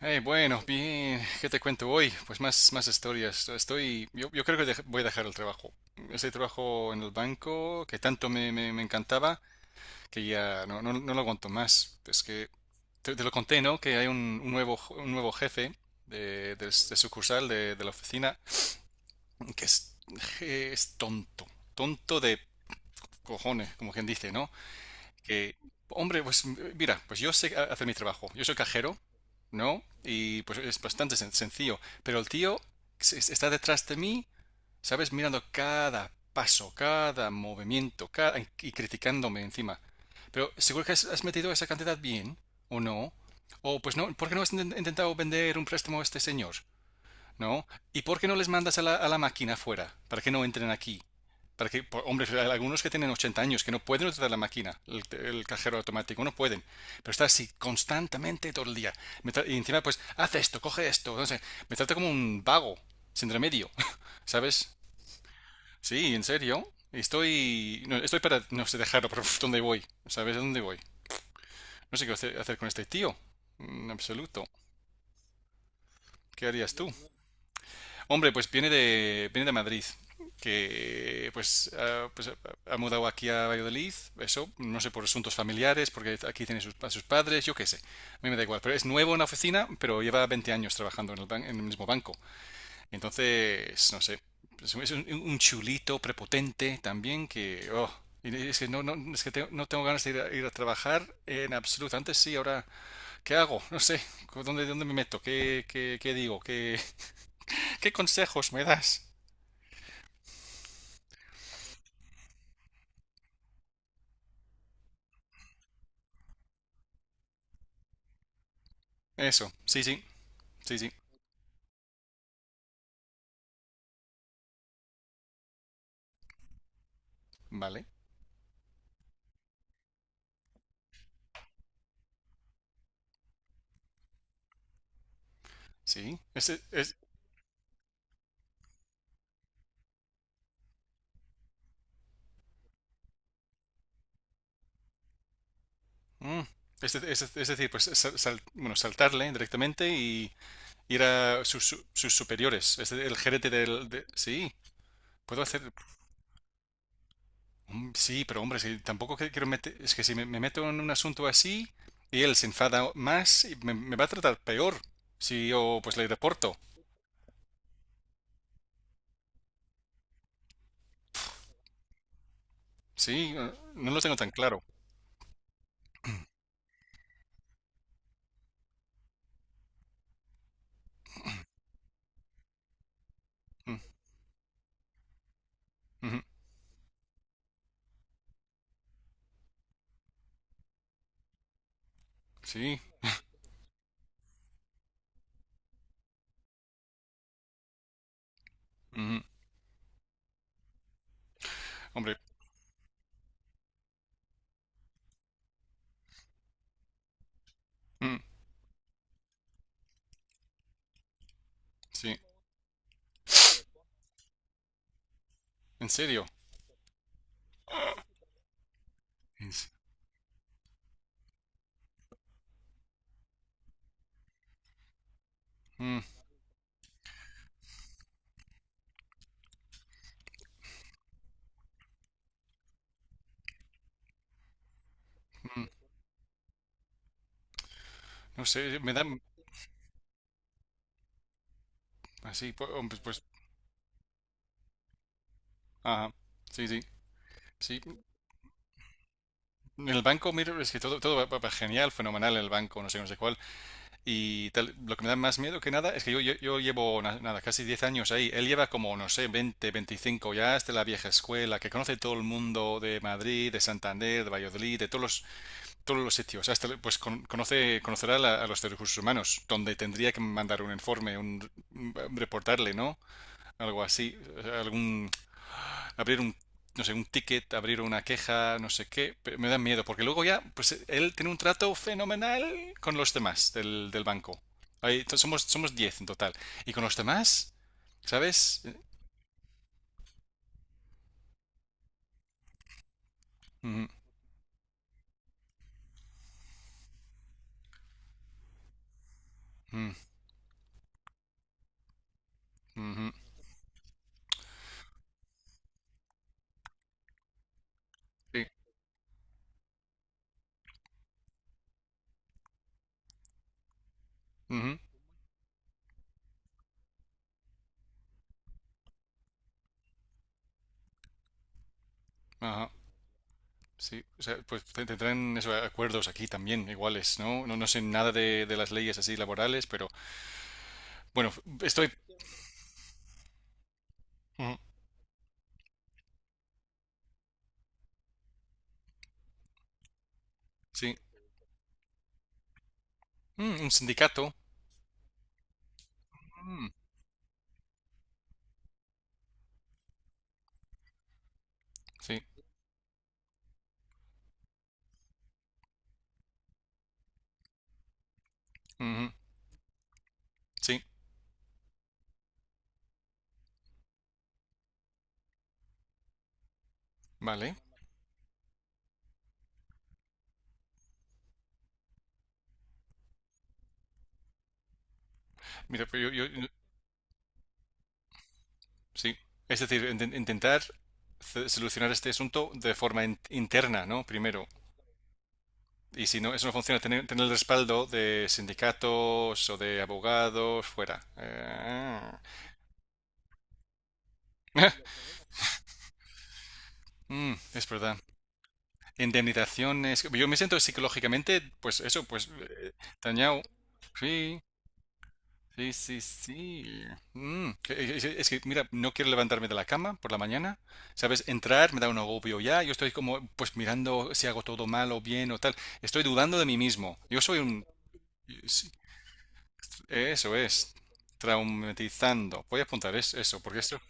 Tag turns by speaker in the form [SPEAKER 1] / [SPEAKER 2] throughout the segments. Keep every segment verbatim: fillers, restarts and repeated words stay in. [SPEAKER 1] Eh, bueno, bien, ¿qué te cuento hoy? Pues más, más historias. Estoy, yo, yo creo que dej- voy a dejar el trabajo. Ese trabajo en el banco que tanto me, me, me encantaba, que ya no, no, no lo aguanto más. Es que te, te lo conté, ¿no? Que hay un, un nuevo, jo- un nuevo jefe de, de, s- de sucursal de, de la oficina que es, je- es tonto, tonto de cojones, como quien dice, ¿no? Que, hombre, pues mira, pues yo sé hacer mi trabajo. Yo soy cajero, ¿no? Y pues es bastante sen- sencillo. Pero el tío está detrás de mí, ¿sabes? Mirando cada paso, cada movimiento, cada... y criticándome encima. Pero seguro que has metido esa cantidad bien, ¿o no? O pues no, ¿por qué no has intentado vender un préstamo a este señor? ¿No? ¿Y por qué no les mandas a la, a la máquina afuera? ¿Para que no entren aquí? Para que, hombre, hay algunos que tienen ochenta años que no pueden utilizar la máquina, el, el cajero automático, no pueden. Pero está así constantemente todo el día. Y encima, pues, haz esto, coge esto. No sé, me trata como un vago, sin remedio. ¿Sabes? Sí, en serio. Estoy, no, estoy para, no sé, dejarlo, pero ¿dónde voy? ¿Sabes a dónde voy? No sé qué hacer hacer con este tío. En absoluto. ¿Qué harías tú? Hombre, pues viene de, viene de Madrid, que pues, ah, pues, ha mudado aquí a Valladolid, eso, no sé, por asuntos familiares, porque aquí tiene sus- a sus padres, yo qué sé, a mí me da igual, pero es nuevo en la oficina, pero lleva veinte años trabajando en el, ban- en el mismo banco, entonces, no sé, es, un- es un, un chulito prepotente también que, oh, y es que no, no, es que tengo- no tengo ganas de ir a, ir a trabajar en absoluto, antes sí, ahora, ¿qué hago? No sé, ¿dónde, dónde me meto? ¿Qué, qué, qué digo? ¿Qué, qué consejos me das? Eso, sí, sí, sí, sí, vale, sí. Este, es, mm, este- este- es, de- Es decir, pues sal- sal- bueno, saltarle directamente y ir a sus, su- sus superiores. Es de- el gerente del... de- sí, puedo hacer. Mm, sí, pero hombre, si tampoco que- quiero meter. Es que si me, me meto en un asunto así y él se enfada más, y me, me va a tratar peor si yo pues le reporto. Sí, eh, no lo tengo tan claro. Mm, ujú, sí, ujú, hombre, mm, sí, en serio. En se- mm, mm. No sé, me dan así, pu- um, pues, pues, ajá, sí, sí, sí. En el banco, mira, es que todo, todo va, va- va genial, fenomenal en el banco, no sé, no sé, cuál. Y tal, lo que me da más miedo que nada es que yo, yo, yo llevo, na- nada, casi diez años ahí. Él lleva como, no sé, veinte veinticinco, ya es de la vieja escuela, que conoce todo el mundo de Madrid, de Santander, de Valladolid, de todos los, todos los sitios. Hasta, pues con- conoce, conocerá a la- a los de recursos humanos, donde tendría que mandar un informe, un, un- reportarle, ¿no? Algo así, algún abrir un, no sé, un ticket, abrir una queja, no sé qué, me da miedo, porque luego ya, pues él tiene un trato fenomenal con los demás del, del banco. Ahí, entonces somos, somos diez en total. Y con los demás, ¿sabes? Ujú, ujú, ujú, sí, ujú, ajá, sí. O sea, pues te- tendrán esos acuerdos aquí también, iguales, ¿no? No, no sé nada de, de las leyes así laborales, pero bueno, estoy. Ujú, sí. Mm, un sindicato. Mm, sí. Ujú, sí. Vale. Mira, pero yo, yo- sí, es decir, in- intentar c- solucionar este asunto de forma in- interna, ¿no? Primero. Y si no, eso no funciona, tener, tener el respaldo de sindicatos o de abogados fuera. Eh, mm, es verdad. Indemnizaciones. Yo me siento psicológicamente, pues eso, pues eh, dañado. Sí, sí, sí, sí. Mm, que- Es es que, mira, no quiero levantarme de la cama por la mañana. ¿Sabes? Entrar me da un agobio ya. Yo estoy como, pues mirando si hago todo mal o bien o tal. Estoy dudando de mí mismo. Yo soy un. Sí, eso es. Traumatizando. Voy a apuntar es- eso, porque esto.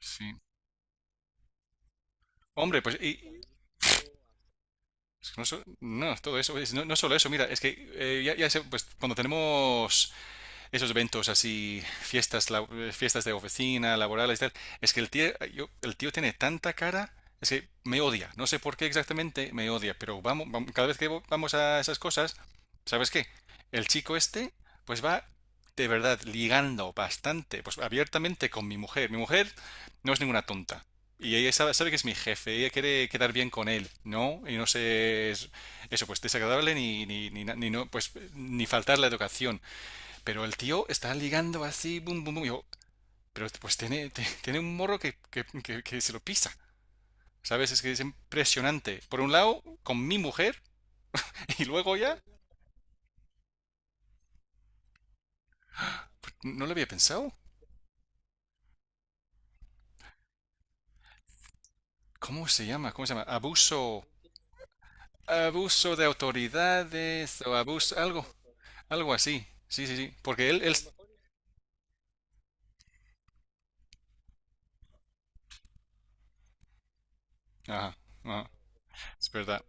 [SPEAKER 1] Sí. Hombre, pues. Y, no, so- no, todo eso. Es- no, no solo eso, mira, es que eh, ya, ya sé, pues cuando tenemos esos eventos así, fiestas, la- fiestas de oficina, laborales, tal, es que el tío, yo- el tío tiene tanta cara, es que me odia. No sé por qué exactamente me odia, pero vamos, vam- cada vez que vo- vamos a esas cosas, ¿sabes qué? El chico este, pues va de verdad ligando bastante, pues abiertamente con mi mujer. Mi mujer no es ninguna tonta. Y ella sabe, sabe que es mi jefe, ella quiere quedar bien con él, ¿no? Y no sé, es- eso pues desagradable ni, ni, ni, na- ni no, pues ni faltar la educación. Pero el tío está ligando así, bum, bum, bum. Yo, pero pues tiene, tiene un morro que, que- que- que se lo pisa. ¿Sabes? Es que es impresionante. Por un lado, con mi mujer, y luego ya, no lo había pensado. ¿Cómo se llama? ¿Cómo se llama? Abuso. Abuso de autoridades o abuso, algo, algo así. Sí, sí, sí. Porque él, él... Ajá, ajá. Es verdad.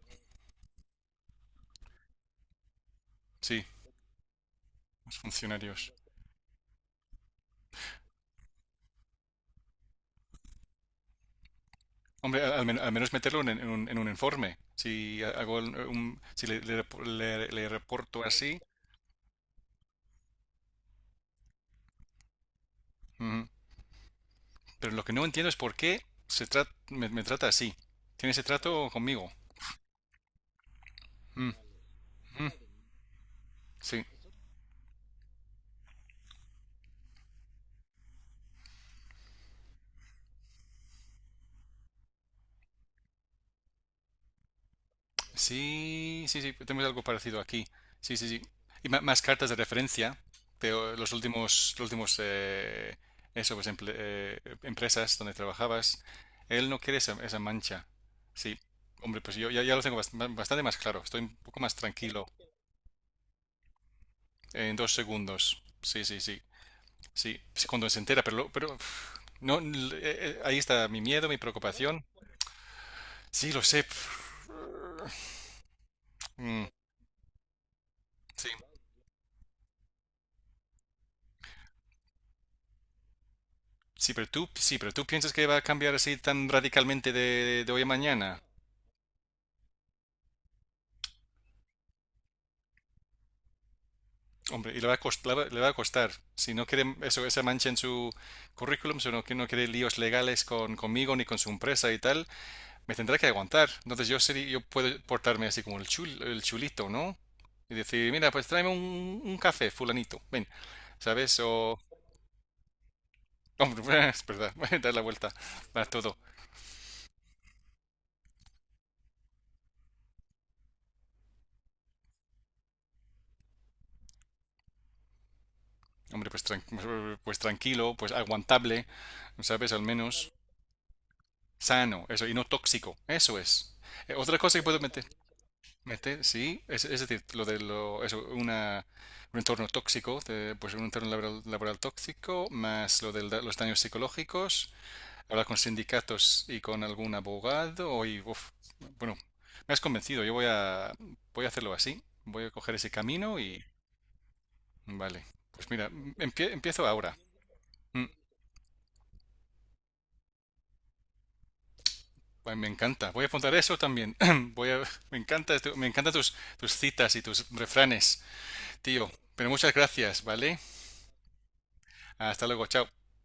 [SPEAKER 1] Sí, los funcionarios. Hombre, al, al men- al menos meterlo en, en un, en un informe. Si hago el- un, si le, le, rep- le- le reporto así. Ujú. Pero lo que no entiendo es por qué se tra- me, me trata así. Tiene ese trato conmigo. Mm, sí. Sí, sí, sí. Tenemos algo parecido aquí. Sí, sí, sí. Y ma- más cartas de referencia de los últimos, los últimos eh, eso, pues, emple- eh, empresas donde trabajabas. Él no quiere esa, esa mancha. Sí. Hombre, pues yo ya, ya lo tengo bast- bastante más claro. Estoy un poco más tranquilo en dos segundos. Sí, sí, sí. Sí, sí, cuando se entera, pero, lo- pero pf, no, l- eh, eh, ahí está mi miedo, mi preocupación. Sí, lo sé. Pf, mm, sí, sí, pero tú, sí, pero tú piensas que va a cambiar así tan radicalmente de, de hoy a mañana. Hombre, y le va a cost- le va, le va a costar. Si no quiere eso, esa mancha en su currículum, si no, que no quiere líos legales con, conmigo ni con su empresa y tal, me tendrá que aguantar. Entonces yo sería, yo puedo portarme así como el chul- el chulito, ¿no? Y decir, mira, pues tráeme un, un café, fulanito, ven, ¿sabes? O, Hombre, es verdad, dar la vuelta a todo. Hombre, pues, tran- pues tranquilo, pues aguantable, ¿sabes? Al menos sano, eso, y no tóxico, eso es. Eh, otra cosa que puedo meter, meter, sí, es, es decir, lo de lo, eso, una, un entorno tóxico, de- pues un entorno laboral, laboral tóxico, más lo de los daños psicológicos, hablar con sindicatos y con algún abogado, y, uf, bueno, me has convencido, yo voy a, voy a hacerlo así, voy a coger ese camino y... Vale, pues mira, empie- empiezo ahora. Mm, Ay, me encanta. Voy a apuntar eso también. Voy a, me encanta, esto- Me encantan tus, tus citas y tus refranes, tío. Pero muchas gracias, ¿vale? Hasta luego, chao.